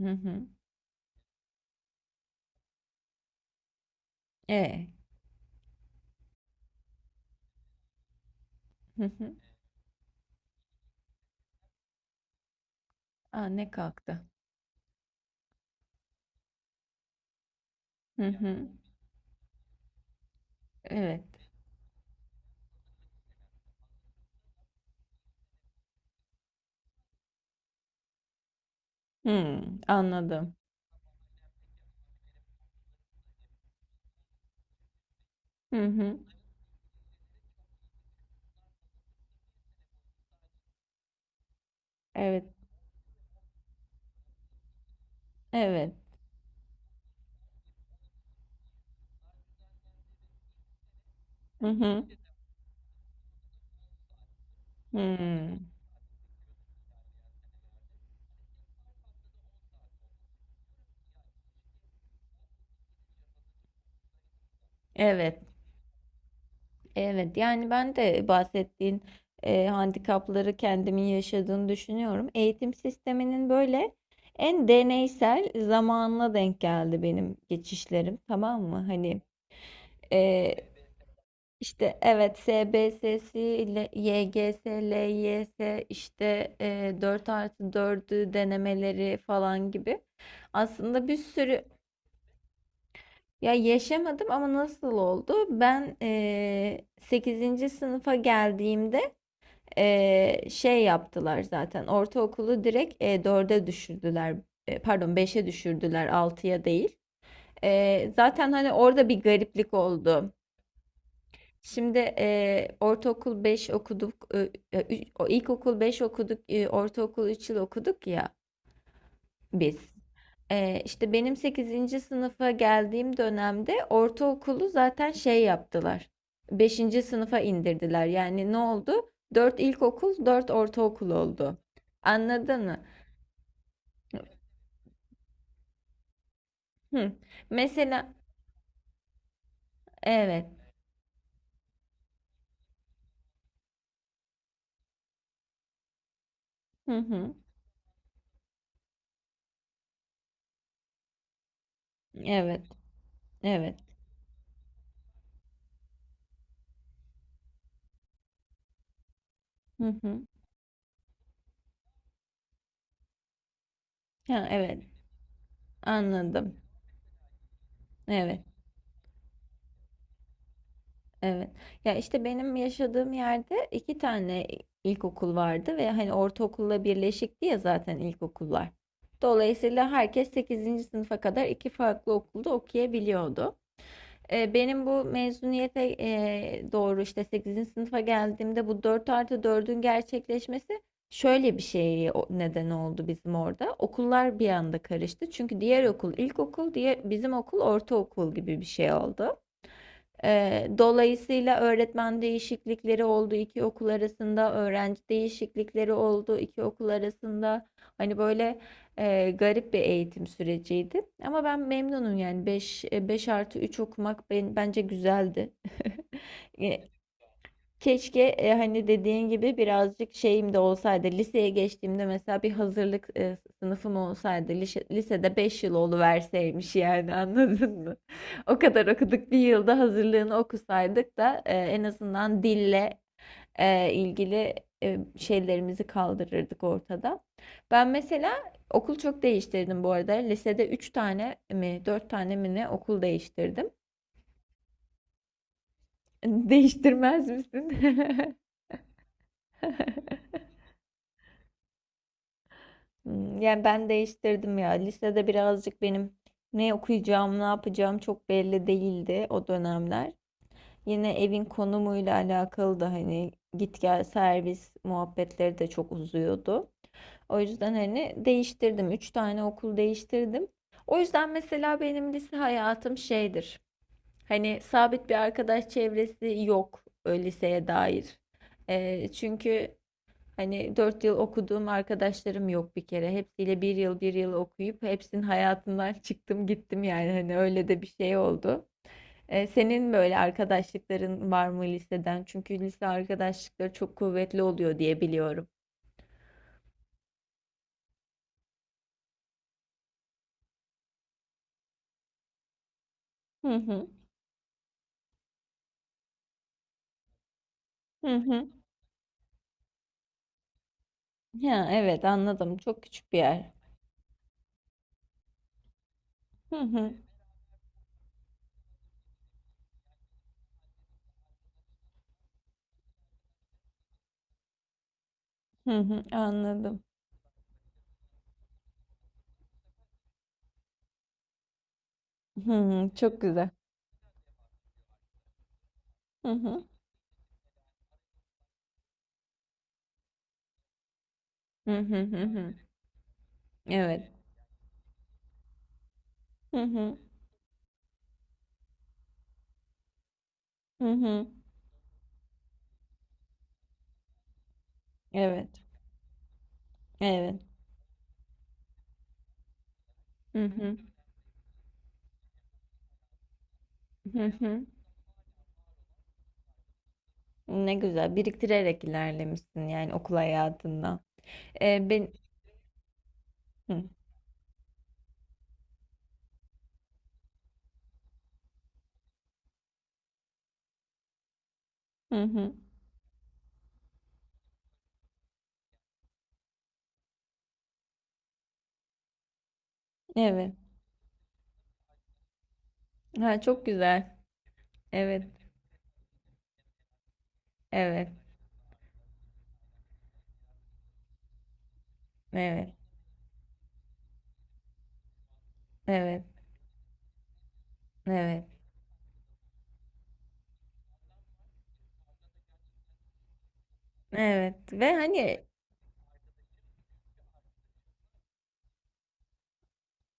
Hı hı. E. Hı hı. A, ne kalktı? Hı hı. Evet. Hı, anladım. Hı hı. Evet. Evet. Hı hı. Hı. Evet. Evet. Yani ben de bahsettiğin handikapları kendimin yaşadığını düşünüyorum. Eğitim sisteminin böyle en deneysel zamanına denk geldi benim geçişlerim. Tamam mı? Hani e, İşte evet SBS'si ile YGS, LYS işte 4 artı dördü denemeleri falan gibi. Aslında bir sürü ya yaşamadım ama nasıl oldu? Ben 8. sınıfa geldiğimde şey yaptılar zaten ortaokulu direkt 4'e düşürdüler. Pardon, beşe düşürdüler altıya değil. Zaten hani orada bir gariplik oldu. Şimdi ortaokul 5 okuduk, o ilkokul 5 okuduk, ortaokul 3 yıl okuduk ya biz. İşte benim sekizinci sınıfa geldiğim dönemde ortaokulu zaten şey yaptılar. Beşinci sınıfa indirdiler. Yani ne oldu? 4 ilkokul, 4 ortaokul oldu. Anladın mı? Hı. Mesela evet. Hı hı. Evet. Evet. Hı hı. Ha, evet. Anladım. Evet. Evet. Ya işte benim yaşadığım yerde iki tane ilkokul vardı ve hani ortaokulla birleşikti ya zaten ilkokullar. Dolayısıyla herkes sekizinci sınıfa kadar iki farklı okulda okuyabiliyordu. Benim bu mezuniyete doğru işte sekizinci sınıfa geldiğimde bu 4 artı dördün gerçekleşmesi şöyle bir şey neden oldu bizim orada. Okullar bir anda karıştı. Çünkü diğer okul ilkokul, diye bizim okul ortaokul gibi bir şey oldu. Dolayısıyla öğretmen değişiklikleri oldu, 2 okul arasında öğrenci değişiklikleri oldu, 2 okul arasında. Hani, böyle, garip bir eğitim süreciydi ama ben memnunum yani beş artı üç okumak ben bence güzeldi. Eee, Keşke hani dediğin gibi birazcık şeyim de olsaydı. Liseye geçtiğimde mesela bir hazırlık sınıfım olsaydı. Lisede 5 yıl oluverseymiş yani anladın mı? O kadar okuduk bir yılda hazırlığını okusaydık da en azından dille ilgili şeylerimizi kaldırırdık ortada. Ben mesela okul çok değiştirdim bu arada. Lisede 3 tane mi 4 tane mi ne okul değiştirdim. Değiştirmez misin? Hmm, yani ben değiştirdim ya. Lisede birazcık benim ne okuyacağım, ne yapacağım çok belli değildi o dönemler. Yine evin konumuyla alakalı da hani git gel servis muhabbetleri de çok uzuyordu. O yüzden hani değiştirdim. Üç tane okul değiştirdim. O yüzden mesela benim lise hayatım şeydir. Hani sabit bir arkadaş çevresi yok liseye dair. Çünkü hani 4 yıl okuduğum arkadaşlarım yok bir kere. Hepsiyle bir yıl bir yıl okuyup hepsinin hayatından çıktım gittim yani hani öyle de bir şey oldu. Senin böyle arkadaşlıkların var mı liseden? Çünkü lise arkadaşlıkları çok kuvvetli oluyor diye biliyorum. Hı hı. Hı hı. Ya evet, anladım. Çok küçük bir yer. Hı hı. Hı hı. Anladım. Hı hı. Çok güzel. Hı hı. Hı hı hı hı. Evet. Hı hı. Hı hı. Evet. Evet. Hı hı. Hı hı. Ne güzel biriktirerek ilerlemişsin yani okul hayatında. Ben. Hı, hı hı. Evet. Ha, çok güzel. Evet. Evet. Evet. Evet. Evet. Evet. Ve hani,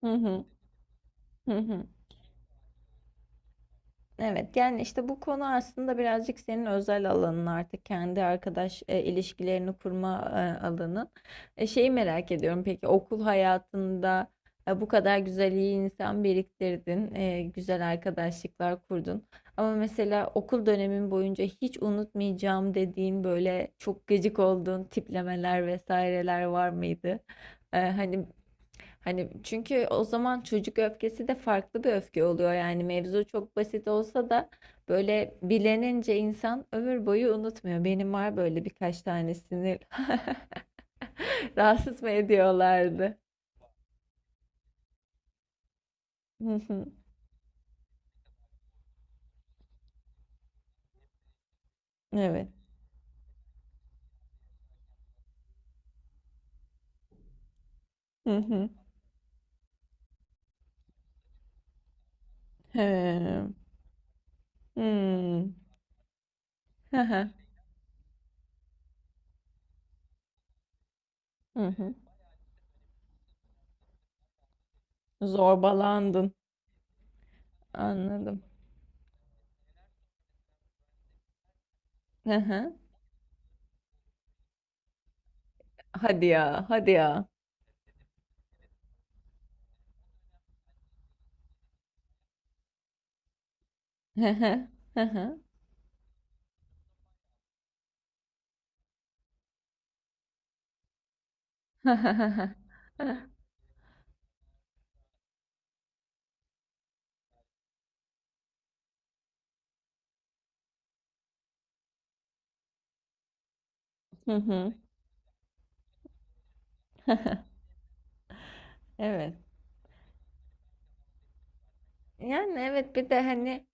hı hı. Hı hı. Evet, yani işte bu konu aslında birazcık senin özel alanın artık kendi arkadaş ilişkilerini kurma alanı. Şeyi merak ediyorum peki okul hayatında bu kadar güzel iyi insan biriktirdin, güzel arkadaşlıklar kurdun. Ama mesela okul dönemin boyunca hiç unutmayacağım dediğin böyle çok gıcık olduğun tiplemeler vesaireler var mıydı? E, hani Hani çünkü o zaman çocuk öfkesi de farklı bir öfke oluyor. Yani mevzu çok basit olsa da böyle bilenince insan ömür boyu unutmuyor. Benim var böyle birkaç tanesini. Rahatsız mı ediyorlardı? Hı hı. Evet. Hı hı. He. Hmm. Hı hı. Hı hı. Zorbalandın. Anladım. Hı hı. Hadi ya, hadi ya. Hı hı. Hı hı. Hı hı. Hı hı. Hı hı. Evet. Yani evet, bir de hani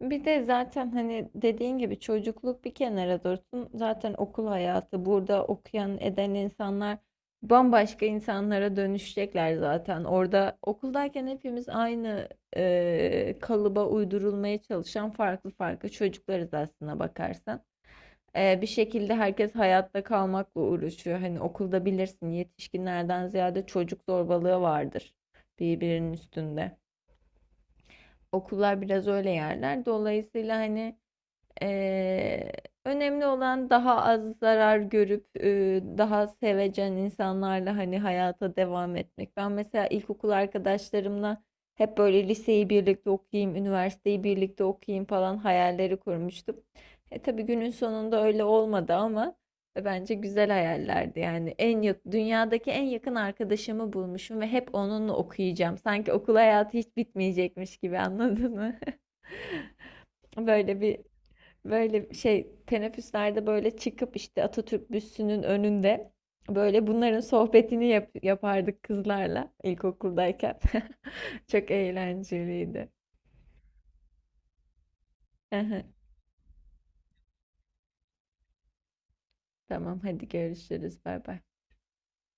bir de zaten hani dediğin gibi çocukluk bir kenara dursun. Zaten okul hayatı burada okuyan eden insanlar bambaşka insanlara dönüşecekler zaten. Orada okuldayken hepimiz aynı kalıba uydurulmaya çalışan farklı farklı çocuklarız aslına bakarsan. Bir şekilde herkes hayatta kalmakla uğraşıyor. Hani okulda bilirsin yetişkinlerden ziyade çocuk zorbalığı vardır birbirinin üstünde. Okullar biraz öyle yerler. Dolayısıyla hani, Eee, önemli olan daha az zarar görüp daha sevecen insanlarla hani hayata devam etmek. Ben mesela ilkokul arkadaşlarımla hep böyle liseyi birlikte okuyayım, üniversiteyi birlikte okuyayım falan hayalleri kurmuştum. Tabii günün sonunda öyle olmadı ama bence güzel hayallerdi. Yani dünyadaki en yakın arkadaşımı bulmuşum ve hep onunla okuyacağım. Sanki okul hayatı hiç bitmeyecekmiş gibi, anladın mı? Böyle bir Böyle şey, teneffüslerde böyle çıkıp işte Atatürk büstünün önünde böyle bunların sohbetini yapardık kızlarla ilkokuldayken. Çok eğlenceliydi. Tamam, hadi görüşürüz. Bay bay.